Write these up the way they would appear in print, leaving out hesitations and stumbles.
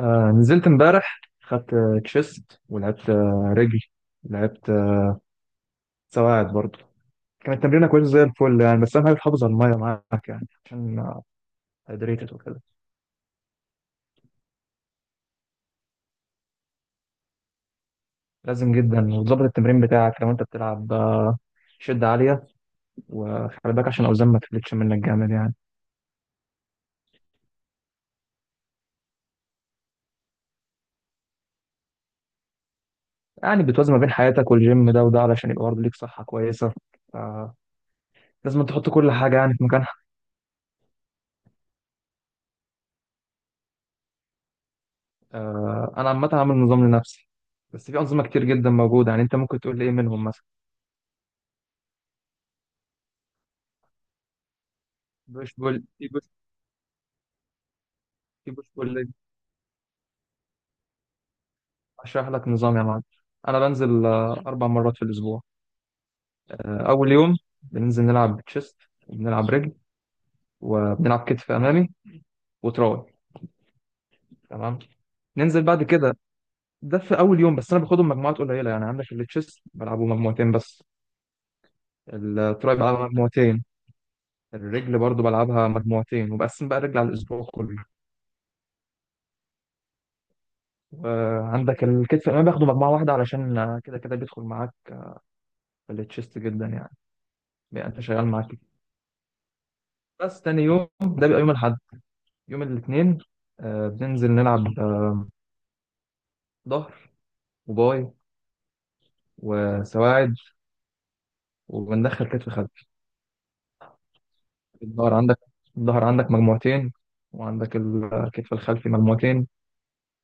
آه، نزلت امبارح خدت تشيست ولعبت رجل. لعبت سواعد برضه. كانت تمرينة كويسة زي الفل يعني، بس أهم حاجة تحافظ على المية معاك يعني عشان هيدريتد وكده. لازم جدا، وتظبط التمرين بتاعك لو أنت بتلعب شدة عالية، وخلي بالك عشان الأوزان ما تفلتش منك جامد يعني. يعني بتوازن ما بين حياتك والجيم، ده وده علشان يبقى برضه ليك صحة كويسة، فلازم تحط كل حاجة يعني في مكانها. آه، أنا عامل نظام لنفسي، بس في أنظمة كتير جدا موجودة يعني، أنت ممكن تقول لي إيه منهم. بوش بول في بوش في بوش بول ليج. اشرح لك نظام يا معلم. انا بنزل 4 مرات في الاسبوع. اول يوم بننزل نلعب تشيست، وبنلعب رجل، وبنلعب كتف امامي وتراي. تمام. ننزل بعد كده، ده في اول يوم بس. انا باخدهم مجموعات قليله يعني، عندك التشيست بلعبه مجموعتين بس، التراي بلعبها مجموعتين، الرجل برضو بلعبها مجموعتين وبقسم بقى الرجل على الاسبوع كله. وعندك الكتف الامامي باخده مجموعه واحده، علشان كده كده بيدخل معاك في التشيست جدا يعني، بيبقى انت شغال معاك. بس تاني يوم ده بيبقى يوم الأحد، يوم الاثنين، آه بننزل نلعب ظهر وباي وسواعد، وبندخل كتف خلفي. الظهر عندك، الظهر عندك مجموعتين، وعندك الكتف الخلفي مجموعتين.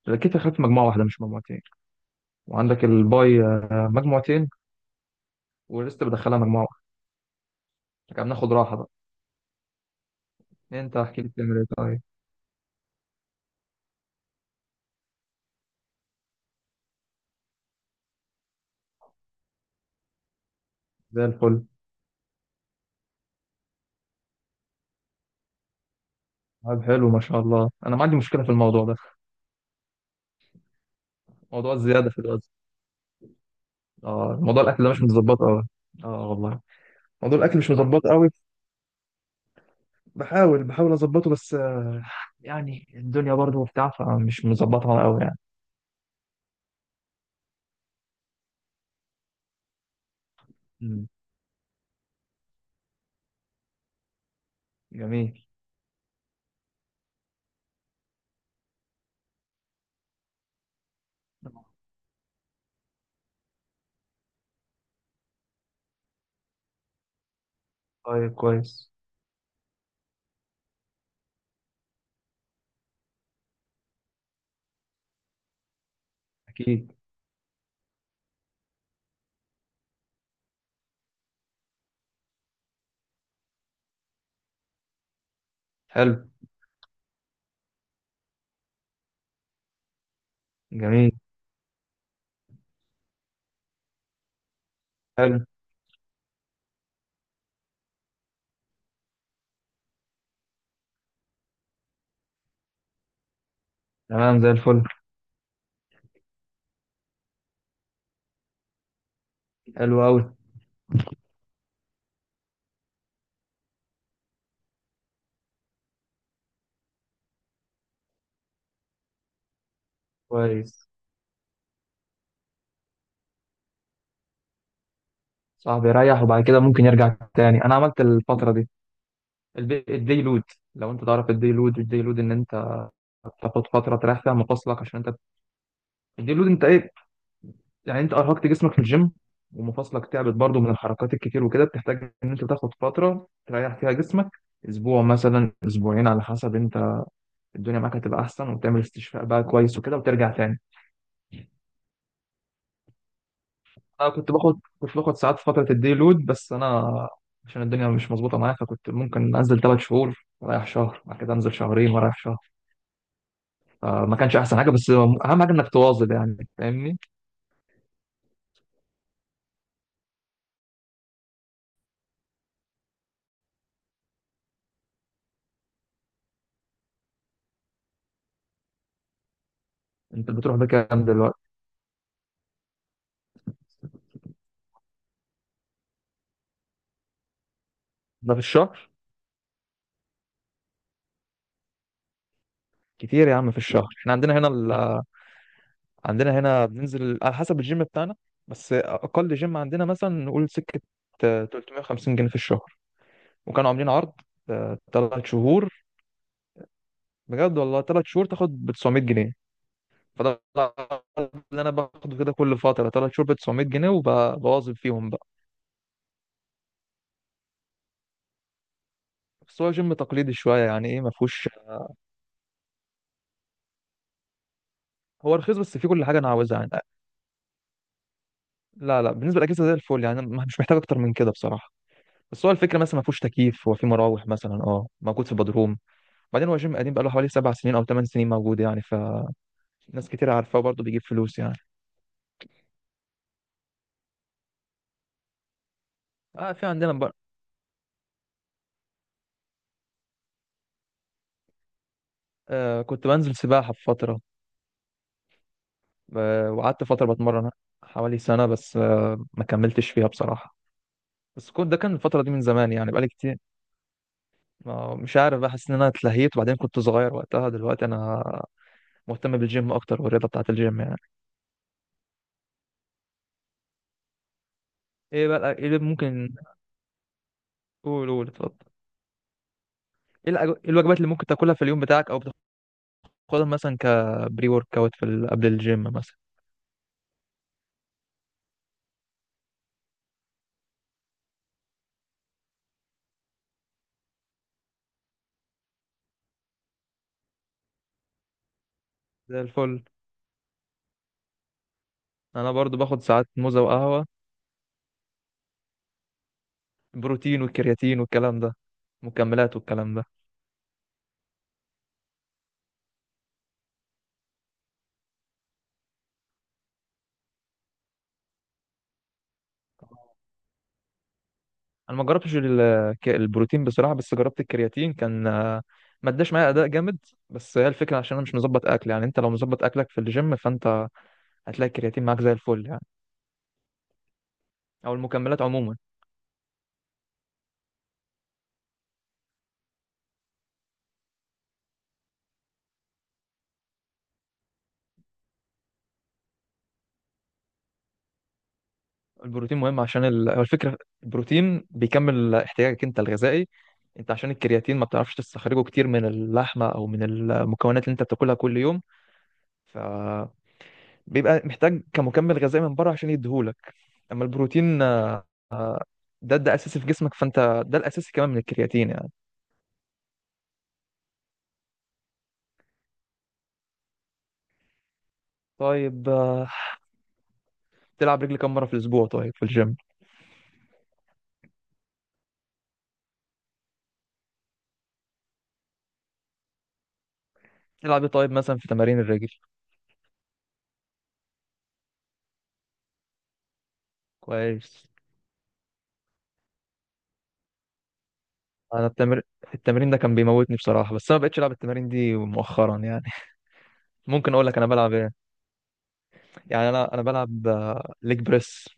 الكتف الخلفي مجموعة واحدة مش مجموعتين. وعندك الباي مجموعتين، والريست بدخلها مجموعة واحدة. كده بناخد راحة بقى. انت احكي لي بتعمل ايه طيب. زي الفل. طيب حلو ما شاء الله، انا ما عندي مشكلة في الموضوع ده، موضوع الزيادة في الوزن. اه موضوع الاكل ده مش متظبط اه. اه والله، موضوع الاكل مش مظبط قوي، بحاول اظبطه، بس يعني الدنيا برضه وبتاع، فمش مظبطها قوي يعني. مم. جميل. طيب كويس. اكيد. حلو. جميل. حلو. تمام زي الفل. حلو قوي. كويس. صاحبي يريح وبعد كده ممكن يرجع تاني. انا عملت الفتره دي الدي لود. لو انت تعرف الدي لود، ان انت بتاخد فتره تريح فيها مفاصلك عشان انت. الدي لود انت ايه؟ يعني انت ارهقت جسمك في الجيم، ومفاصلك تعبت برضو من الحركات الكتير وكده، بتحتاج ان انت تاخد فتره تريح فيها جسمك، اسبوع مثلا، اسبوعين، على حسب انت. الدنيا معاك هتبقى احسن، وتعمل استشفاء بقى كويس وكده وترجع تاني. انا كنت باخد ساعات في فتره الدي لود، بس انا عشان الدنيا مش مظبوطه معايا، فكنت ممكن انزل 3 شهور ورايح شهر، بعد كده انزل شهرين ورايح شهر. فما كانش احسن حاجه، بس اهم حاجه انك تواظب يعني فاهمني. انت بتروح بكام دلوقتي؟ ده في الشهر؟ كتير يا عم في الشهر. احنا عندنا هنا ال، عندنا هنا بننزل على حسب الجيم بتاعنا. بس اقل جيم عندنا مثلا نقول سكه، 350 جنيه في الشهر. وكانوا عاملين عرض، 3 شهور، بجد والله، 3 شهور تاخد ب 900 جنيه. فده العرض اللي انا باخده كده كل فتره، 3 شهور ب 900 جنيه وبواظب فيهم بقى. بس هو جيم تقليدي شويه يعني، ايه، ما فيهوش. هو رخيص، بس فيه كل حاجه انا عاوزها يعني. لا لا بالنسبه للاجهزه زي الفل يعني، أنا مش محتاج اكتر من كده بصراحه. بس هو الفكره مثلا ما فيهوش تكييف، هو فيه مراوح مثلا، اه موجود في بدروم. بعدين هو جيم قديم، بقاله حوالي 7 سنين او 8 سنين موجود يعني، فناس كتير عارفاه، وبرضه بيجيب فلوس يعني. اه في آه كنت بنزل سباحة في فترة. آه وقعدت فترة بتمرن، حوالي سنة، بس آه ما كملتش فيها بصراحة. بس كنت، ده كان الفترة دي من زمان يعني، بقالي كتير. مش عارف، بحس ان انا اتلهيت، وبعدين كنت صغير وقتها، دلوقتي انا مهتم بالجيم اكتر، والرياضة بتاعة الجيم يعني. ايه بقى ايه اللي ممكن؟ قول قول اتفضل. ايه الأج- إيه الوجبات اللي ممكن تاكلها في اليوم بتاعك، او بتاخدها مثلا كبري ورك اوت قبل الجيم مثلا. زي الفل. انا برضو باخد ساعات موزة وقهوة، بروتين والكرياتين والكلام ده، مكملات والكلام ده. انا ما جربتش البروتين بصراحة، بس جربت الكرياتين، كان آه، ما اداش معايا اداء جامد. بس هي الفكرة عشان انا مش مظبط اكل يعني، انت لو مظبط اكلك في الجيم فانت هتلاقي الكرياتين معاك زي الفل يعني، او المكملات عموما. البروتين مهم عشان هو الفكرة، البروتين بيكمل احتياجك انت الغذائي. انت عشان الكرياتين ما بتعرفش تستخرجه كتير من اللحمة او من المكونات اللي انت بتاكلها كل يوم، بيبقى محتاج كمكمل غذائي من بره عشان يديهولك. اما البروتين، ده اساسي في جسمك، فانت ده الاساسي كمان من الكرياتين يعني. طيب، تلعب رجل كم مره في الاسبوع طيب في الجيم؟ تلعب ايه طيب مثلا في تمارين الرجل؟ كويس. انا التمرين ده كان بيموتني بصراحه، بس انا ما بقتش العب التمارين دي مؤخرا يعني. ممكن اقول لك انا بلعب ايه؟ يعني انا بلعب ليج بريس،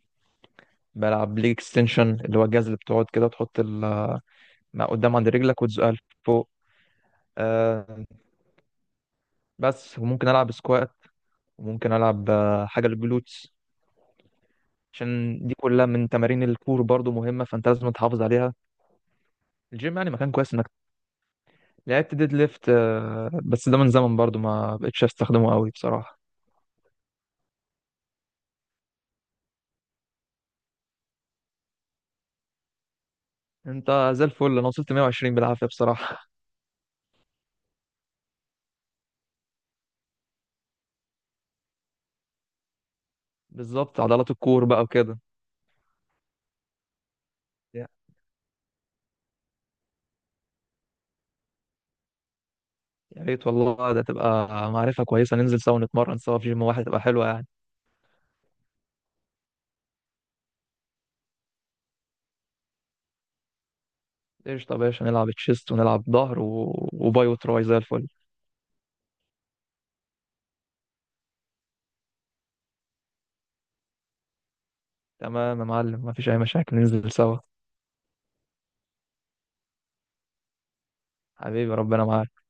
بلعب ليج اكستنشن اللي هو الجهاز اللي بتقعد كده تحط ال... آه، قدام عند رجلك وتزقها لفوق. آه، بس، وممكن العب سكوات، وممكن العب حاجه للجلوتس، عشان دي كلها من تمارين الكور برضو مهمه، فانت لازم تحافظ عليها. الجيم يعني مكان كويس انك لعبت ديد ليفت. بس ده من زمن برضو، ما بقتش استخدمه قوي بصراحه. انت زي الفل، انا وصلت 120 بالعافيه بصراحه. بالظبط، عضلات الكور بقى وكده. يا يا ريت والله، ده تبقى معرفه كويسه، ننزل سوا نتمرن سوا في جيم واحد تبقى حلوه يعني. ايش طب يا باشا، نلعب تشيست ونلعب ظهر و... وباي وتراي زي الفل. تمام يا معلم، مفيش اي مشاكل ننزل سوا. حبيبي ربنا معاك.